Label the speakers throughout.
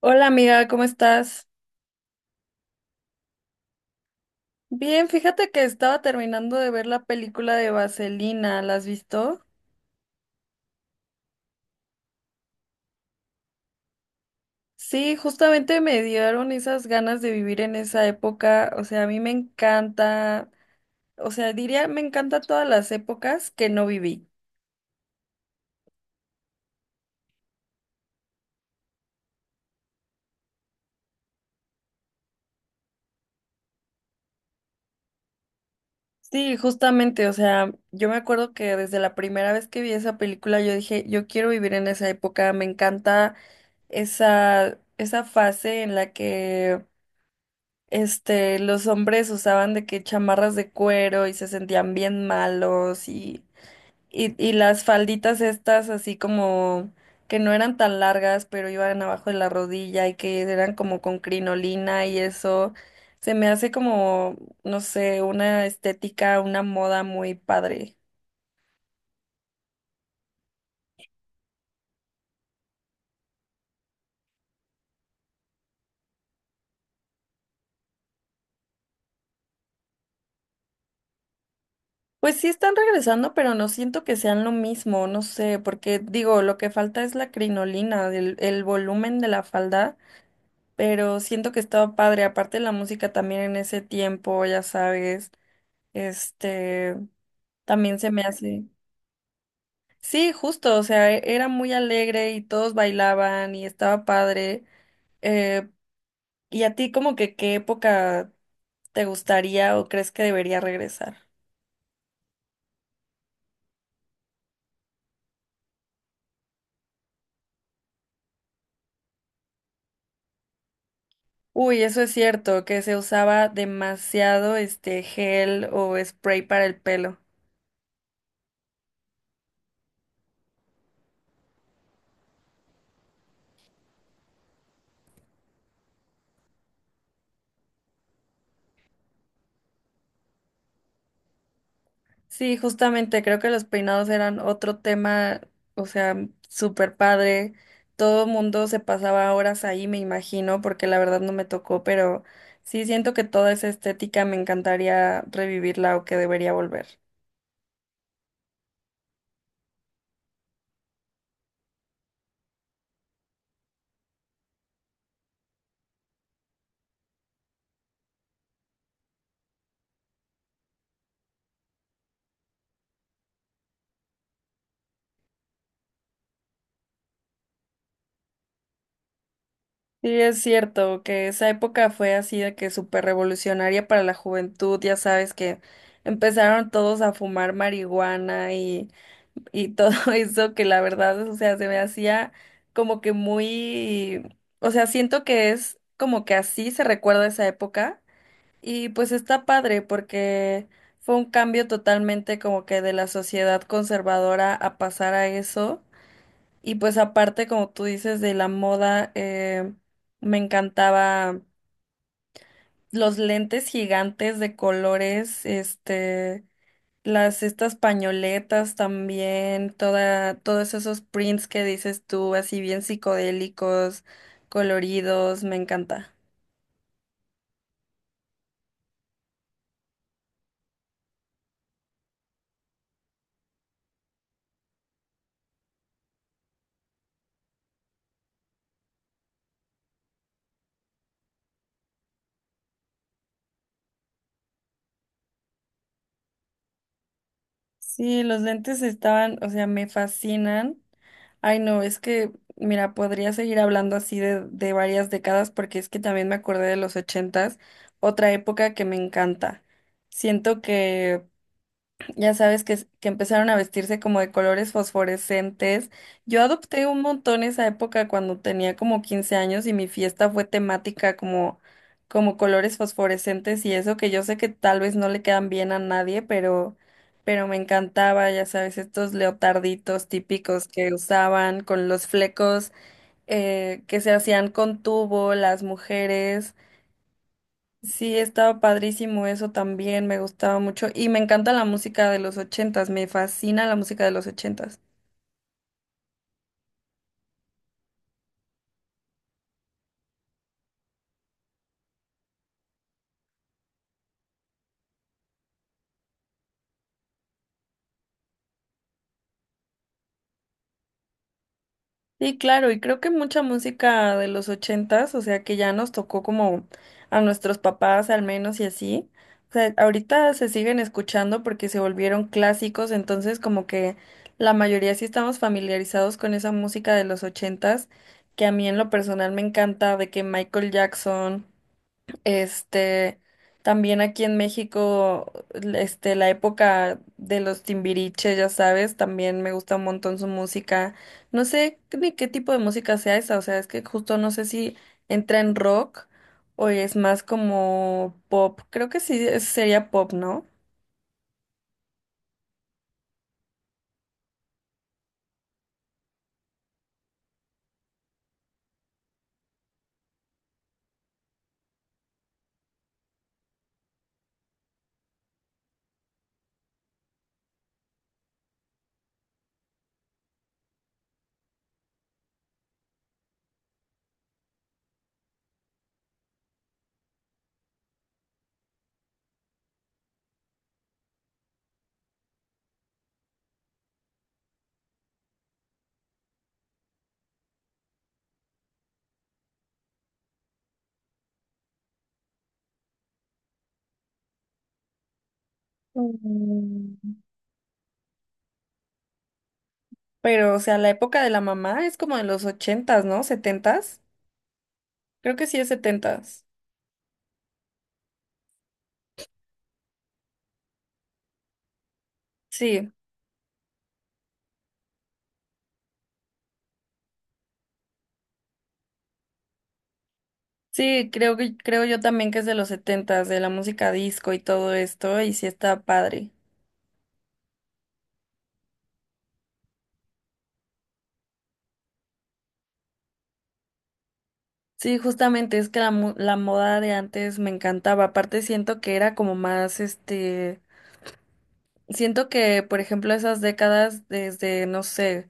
Speaker 1: Hola amiga, ¿cómo estás? Bien, fíjate que estaba terminando de ver la película de Vaselina, ¿la has visto? Sí, justamente me dieron esas ganas de vivir en esa época, o sea, a mí me encanta, o sea, diría, me encanta todas las épocas que no viví. Sí, justamente, o sea, yo me acuerdo que desde la primera vez que vi esa película yo dije, yo quiero vivir en esa época, me encanta esa fase en la que los hombres usaban de que chamarras de cuero y se sentían bien malos y las falditas estas así como que no eran tan largas, pero iban abajo de la rodilla y que eran como con crinolina y eso. Se me hace como, no sé, una estética, una moda muy padre. Pues sí están regresando, pero no siento que sean lo mismo, no sé, porque digo, lo que falta es la crinolina, el volumen de la falda, pero siento que estaba padre. Aparte la música también en ese tiempo, ya sabes, este, también se me hace. Sí, justo, o sea, era muy alegre y todos bailaban y estaba padre. Eh, ¿Y a ti como que qué época te gustaría o crees que debería regresar? Uy, eso es cierto, que se usaba demasiado este gel o spray para el pelo. Sí, justamente creo que los peinados eran otro tema, o sea, súper padre. Todo mundo se pasaba horas ahí, me imagino, porque la verdad no me tocó, pero sí siento que toda esa estética me encantaría revivirla o que debería volver. Sí, es cierto que esa época fue así de que súper revolucionaria para la juventud, ya sabes que empezaron todos a fumar marihuana y todo eso que la verdad, o sea, se me hacía como que muy, o sea, siento que es como que así se recuerda esa época y pues está padre porque fue un cambio totalmente como que de la sociedad conservadora a pasar a eso y pues aparte como tú dices de la moda, me encantaba los lentes gigantes de colores. Este... Las Estas pañoletas también, todos esos prints que dices tú, así bien psicodélicos, coloridos, me encanta. Sí, los lentes estaban, o sea, me fascinan. Ay, no, es que, mira, podría seguir hablando así de varias décadas porque es que también me acordé de los ochentas, otra época que me encanta. Siento que Ya sabes que, empezaron a vestirse como de colores fosforescentes. Yo adopté un montón esa época cuando tenía como 15 años y mi fiesta fue temática como, colores fosforescentes y eso que yo sé que tal vez no le quedan bien a nadie, pero me encantaba, ya sabes, estos leotarditos típicos que usaban con los flecos, que se hacían con tubo las mujeres. Sí, estaba padrísimo eso también, me gustaba mucho y me encanta la música de los ochentas, me fascina la música de los ochentas. Sí, claro, y creo que mucha música de los ochentas, o sea que ya nos tocó como a nuestros papás al menos y así. O sea, ahorita se siguen escuchando porque se volvieron clásicos, entonces como que la mayoría sí estamos familiarizados con esa música de los ochentas, que a mí en lo personal me encanta, de que Michael Jackson. Este, También aquí en México, la época de los Timbiriche, ya sabes, también me gusta un montón su música. No sé ni qué tipo de música sea esa, o sea, es que justo no sé si entra en rock o es más como pop. Creo que sí sería pop, ¿no? Mm, Pero, o sea, la época de la mamá es como de los ochentas, ¿no? ¿Setentas? Creo que sí es setentas. Sí. Sí, creo yo también que es de los setentas, de la música disco y todo esto, y sí está padre. Sí, justamente es que la moda de antes me encantaba. Aparte siento que era como más. Siento que, por ejemplo, esas décadas desde, no sé,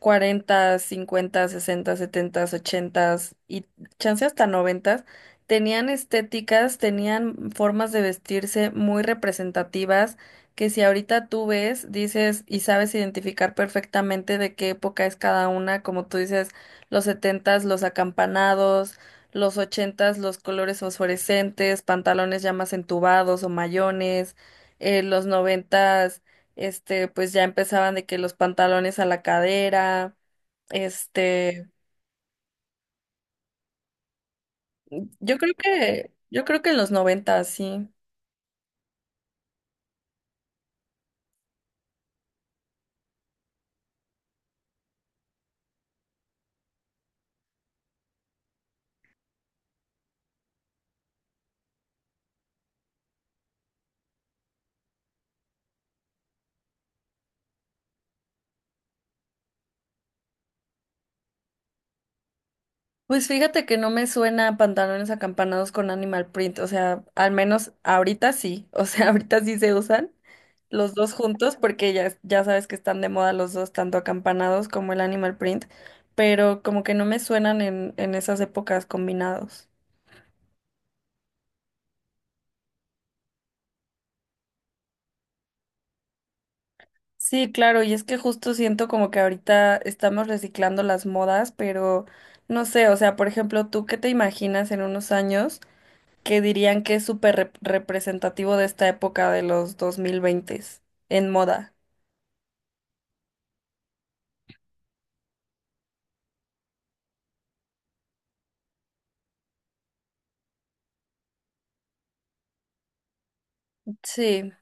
Speaker 1: 40 50 60 70, 80 y chance hasta 90, tenían estéticas, tenían formas de vestirse muy representativas que si ahorita tú ves, dices y sabes identificar perfectamente de qué época es cada una, como tú dices, los 70, los acampanados, los 80, los colores fosforescentes, pantalones ya más entubados o mayones, los noventas, pues ya empezaban de que los pantalones a la cadera, este, yo creo que en los noventas, sí. Pues fíjate que no me suena pantalones acampanados con animal print, o sea, al menos ahorita sí, o sea, ahorita sí se usan los dos juntos porque ya sabes que están de moda los dos, tanto acampanados como el animal print, pero como que no me suenan en esas épocas combinados. Sí, claro, y es que justo siento como que ahorita estamos reciclando las modas, pero no sé, o sea, por ejemplo, ¿tú qué te imaginas en unos años que dirían que es súper representativo de esta época de los 2020 en moda? Sí,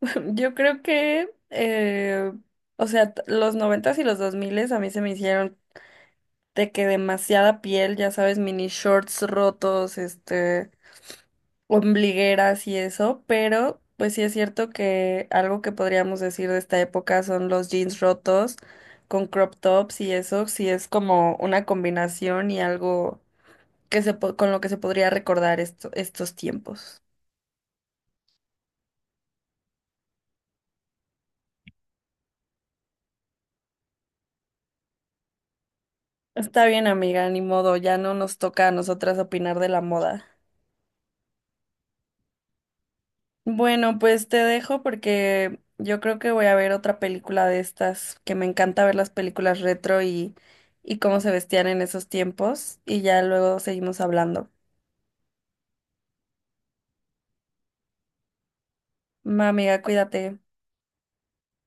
Speaker 1: yo creo que, o sea, los 90s y los 2000s a mí se me hicieron de que demasiada piel, ya sabes, mini shorts rotos, ombligueras y eso, pero pues sí es cierto que algo que podríamos decir de esta época son los jeans rotos con crop tops y eso sí es como una combinación y algo con lo que se podría recordar estos tiempos. Está bien, amiga, ni modo, ya no nos toca a nosotras opinar de la moda. Bueno, pues te dejo porque yo creo que voy a ver otra película de estas, que me encanta ver las películas retro y cómo se vestían en esos tiempos, y ya luego seguimos hablando. Ma amiga, cuídate.